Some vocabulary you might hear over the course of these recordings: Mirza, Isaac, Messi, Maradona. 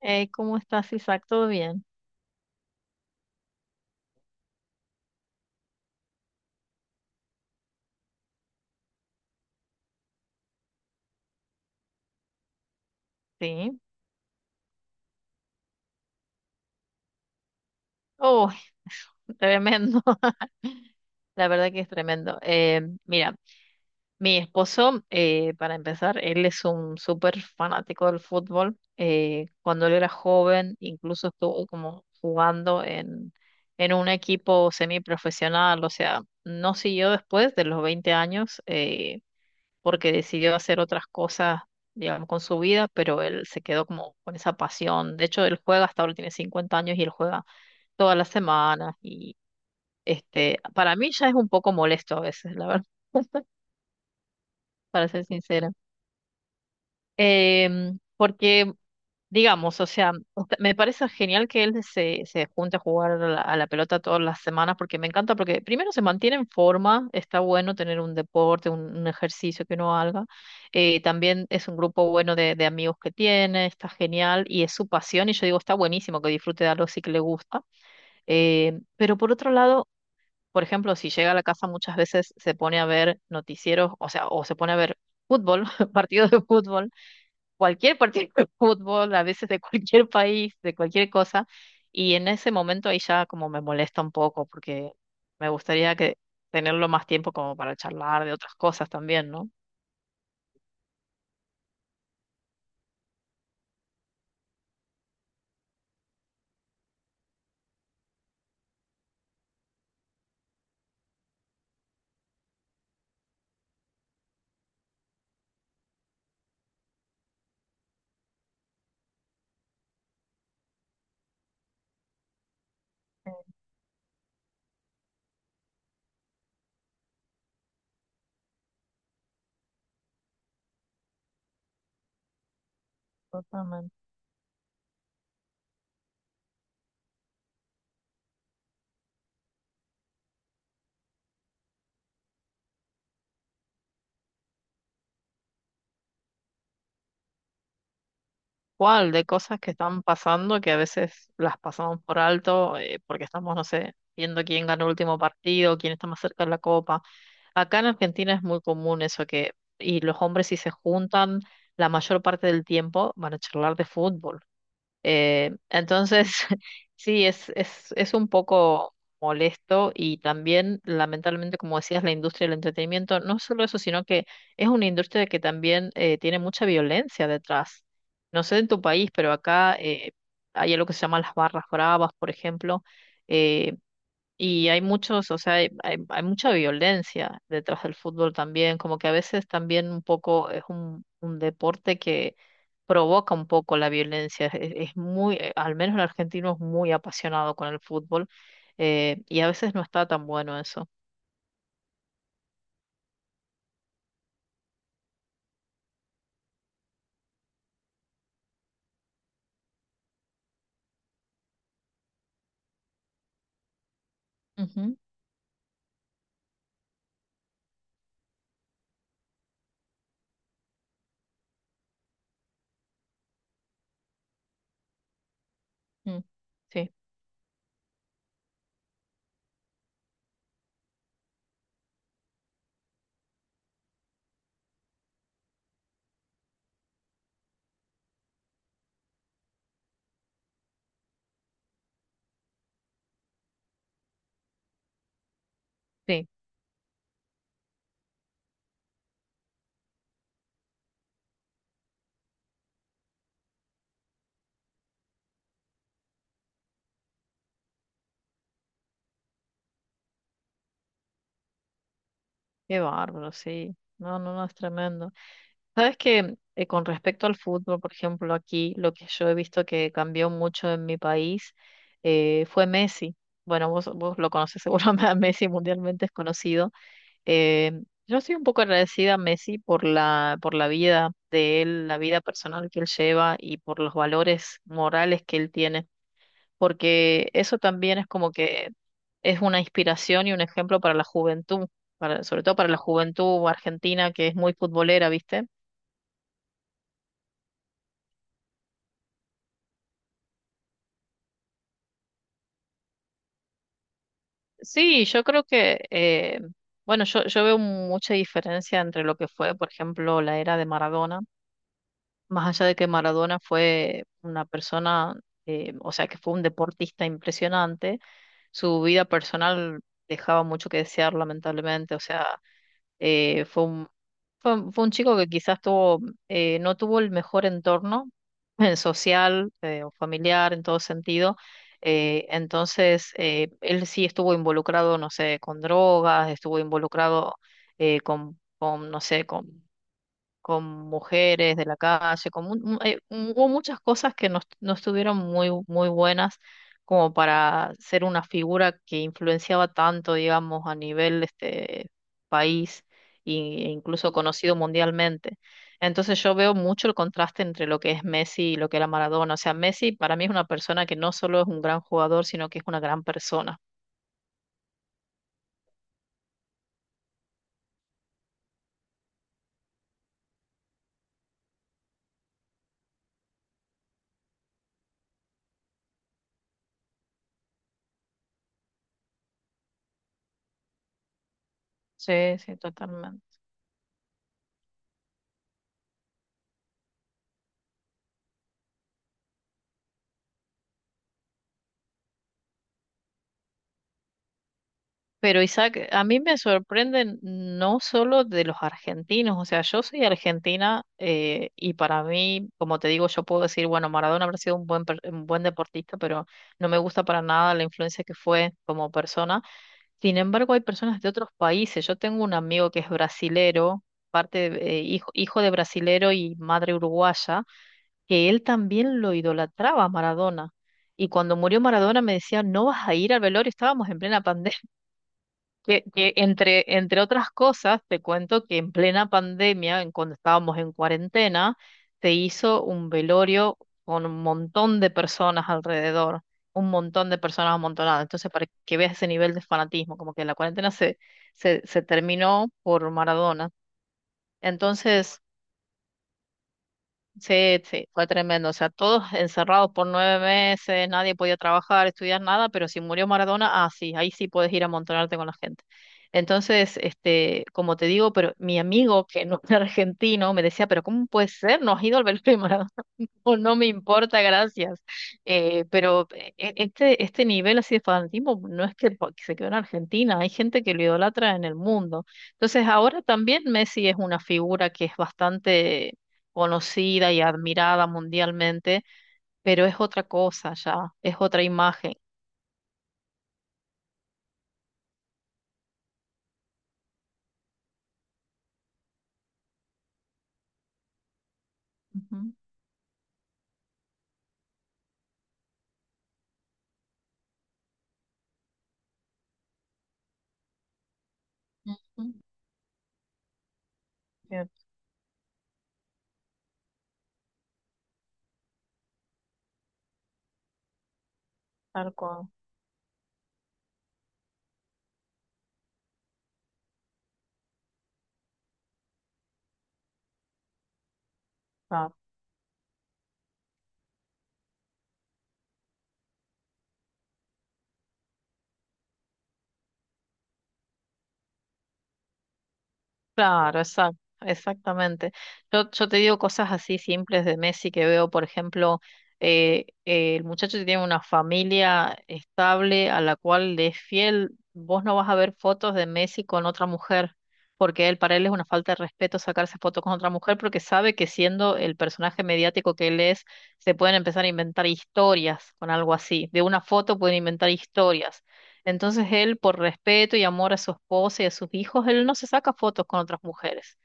¿Cómo estás, Isaac? ¿Todo bien? Sí. Oh, tremendo. La verdad que es tremendo. Mira, mi esposo, para empezar, él es un súper fanático del fútbol. Cuando él era joven, incluso estuvo como jugando en un equipo semiprofesional. O sea, no siguió después de los 20 años. Porque decidió hacer otras cosas, digamos, con su vida, pero él se quedó como con esa pasión. De hecho, él juega, hasta ahora tiene 50 años y él juega todas las semanas y este, para mí ya es un poco molesto a veces, la verdad, para ser sincera. Porque, digamos, o sea, me parece genial que él se junte a jugar a a la pelota todas las semanas, porque me encanta, porque primero se mantiene en forma, está bueno tener un deporte, un ejercicio que uno haga, también es un grupo bueno de amigos que tiene, está genial y es su pasión, y yo digo, está buenísimo que disfrute de algo sí que le gusta, pero por otro lado, por ejemplo, si llega a la casa muchas veces se pone a ver noticieros, o sea, o se pone a ver fútbol, partidos de fútbol cualquier partido de fútbol, a veces de cualquier país, de cualquier cosa, y en ese momento ahí ya como me molesta un poco, porque me gustaría que tenerlo más tiempo como para charlar de otras cosas también, ¿no? Totalmente. ¿Cuál de cosas que están pasando que a veces las pasamos por alto porque estamos, no sé, viendo quién ganó el último partido, quién está más cerca de la copa? Acá en Argentina es muy común eso y los hombres si se juntan la mayor parte del tiempo van a charlar de fútbol. Entonces, sí, es un poco molesto y también, lamentablemente, como decías, la industria del entretenimiento, no solo eso, sino que es una industria que también tiene mucha violencia detrás. No sé en tu país, pero acá hay algo que se llama las barras bravas, por ejemplo, eh, y hay muchos, o sea, hay mucha violencia detrás del fútbol también, como que a veces también un poco es un deporte que provoca un poco la violencia. Es muy, al menos el argentino es muy apasionado con el fútbol, y a veces no está tan bueno eso. Ujú, mm, sí, sí, qué bárbaro, sí. No, no, no, es tremendo. Sabes que con respecto al fútbol, por ejemplo, aquí lo que yo he visto que cambió mucho en mi país fue Messi. Bueno, vos lo conoces seguramente a Messi mundialmente es conocido. Eh, yo soy un poco agradecida a Messi por por la vida de él, la vida personal que él lleva y por los valores morales que él tiene, porque eso también es como que es una inspiración y un ejemplo para la juventud, para, sobre todo para la juventud argentina que es muy futbolera, ¿viste? Sí, yo creo que, bueno, yo veo mucha diferencia entre lo que fue, por ejemplo, la era de Maradona, más allá de que Maradona fue una persona, o sea, que fue un deportista impresionante, su vida personal dejaba mucho que desear, lamentablemente, o sea, eh, fue un, fue un chico que quizás tuvo, no tuvo el mejor entorno social o familiar en todo sentido. Entonces, él sí estuvo involucrado, no sé, con drogas, estuvo involucrado no sé, con mujeres de la calle. Hubo muchas cosas que no estuvieron muy, muy buenas como para ser una figura que influenciaba tanto, digamos, a nivel este país e incluso conocido mundialmente. Entonces yo veo mucho el contraste entre lo que es Messi y lo que era Maradona. O sea, Messi para mí es una persona que no solo es un gran jugador, sino que es una gran persona. Sí, sí, totalmente. Pero Isaac, a mí me sorprenden no solo de los argentinos, o sea, yo soy argentina y para mí, como te digo, yo puedo decir, bueno, Maradona habrá sido un un buen deportista, pero no me gusta para nada la influencia que fue como persona. Sin embargo, hay personas de otros países. Yo tengo un amigo que es brasilero, parte, hijo de brasilero y madre uruguaya, que él también lo idolatraba a Maradona. Y cuando murió Maradona me decía, no vas a ir al velorio, estábamos en plena pandemia. Que entre otras cosas, te cuento que en plena pandemia, en cuando estábamos en cuarentena, se hizo un velorio con un montón de personas alrededor, un montón de personas amontonadas. Entonces, para que veas ese nivel de fanatismo, como que la cuarentena se terminó por Maradona. Entonces, sí, sí, fue tremendo. O sea, todos encerrados por 9 meses, nadie podía trabajar, estudiar nada, pero si murió Maradona, ah, sí, ahí sí puedes ir a amontonarte con la gente. Entonces, este, como te digo, pero mi amigo que no era argentino me decía, pero ¿cómo puede ser? No has ido al velorio de Maradona o no me importa, gracias. Pero este nivel así de fanatismo no es que se quedó en Argentina, hay gente que lo idolatra en el mundo. Entonces ahora también Messi es una figura que es bastante conocida y admirada mundialmente, pero es otra cosa ya, es otra imagen. Ujú, ujú, sí, tal cual. Claro, exacto, exactamente. Yo te digo cosas así simples de Messi que veo, por ejemplo, el muchacho tiene una familia estable a la cual le es fiel. Vos no vas a ver fotos de Messi con otra mujer, porque él, para él es una falta de respeto sacarse fotos con otra mujer, porque sabe que siendo el personaje mediático que él es, se pueden empezar a inventar historias con algo así. De una foto pueden inventar historias. Entonces él, por respeto y amor a su esposa y a sus hijos, él no se saca fotos con otras mujeres.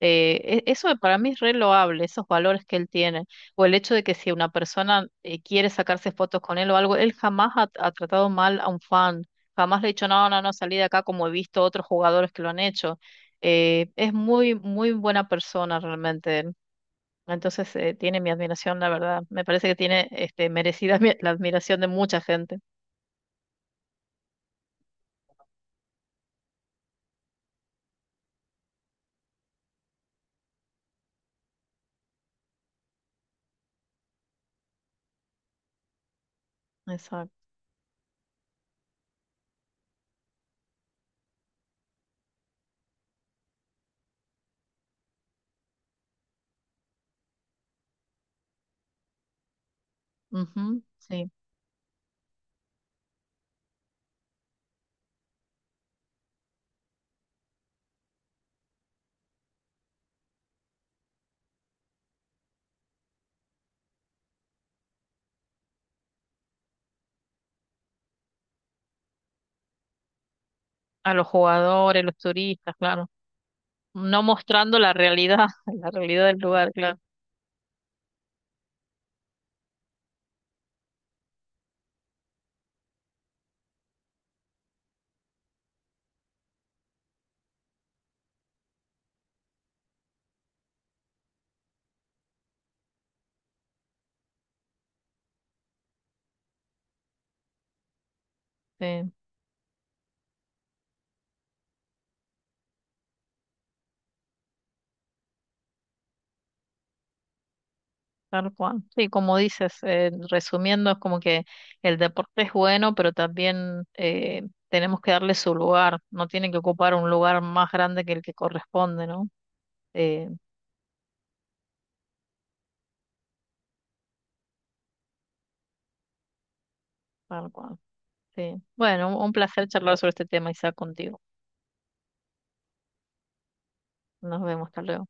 Eso para mí es re loable, esos valores que él tiene. O el hecho de que si una persona quiere sacarse fotos con él o algo, él jamás ha tratado mal a un fan. Jamás le ha dicho, no, no, no, salí de acá como he visto otros jugadores que lo han hecho. Es muy, muy buena persona realmente él. Entonces tiene mi admiración, la verdad. Me parece que tiene este, merecida la admiración de mucha gente. Exacto. Ujú, sí. A los jugadores, los turistas, claro. No mostrando la realidad, la realidad del lugar, claro. Sí, tal cual. Sí, como dices, resumiendo, es como que el deporte es bueno, pero también tenemos que darle su lugar. No tiene que ocupar un lugar más grande que el que corresponde, ¿no? Eh, tal cual. Sí. Bueno, un placer charlar sobre este tema, Isaac, contigo. Nos vemos, hasta luego.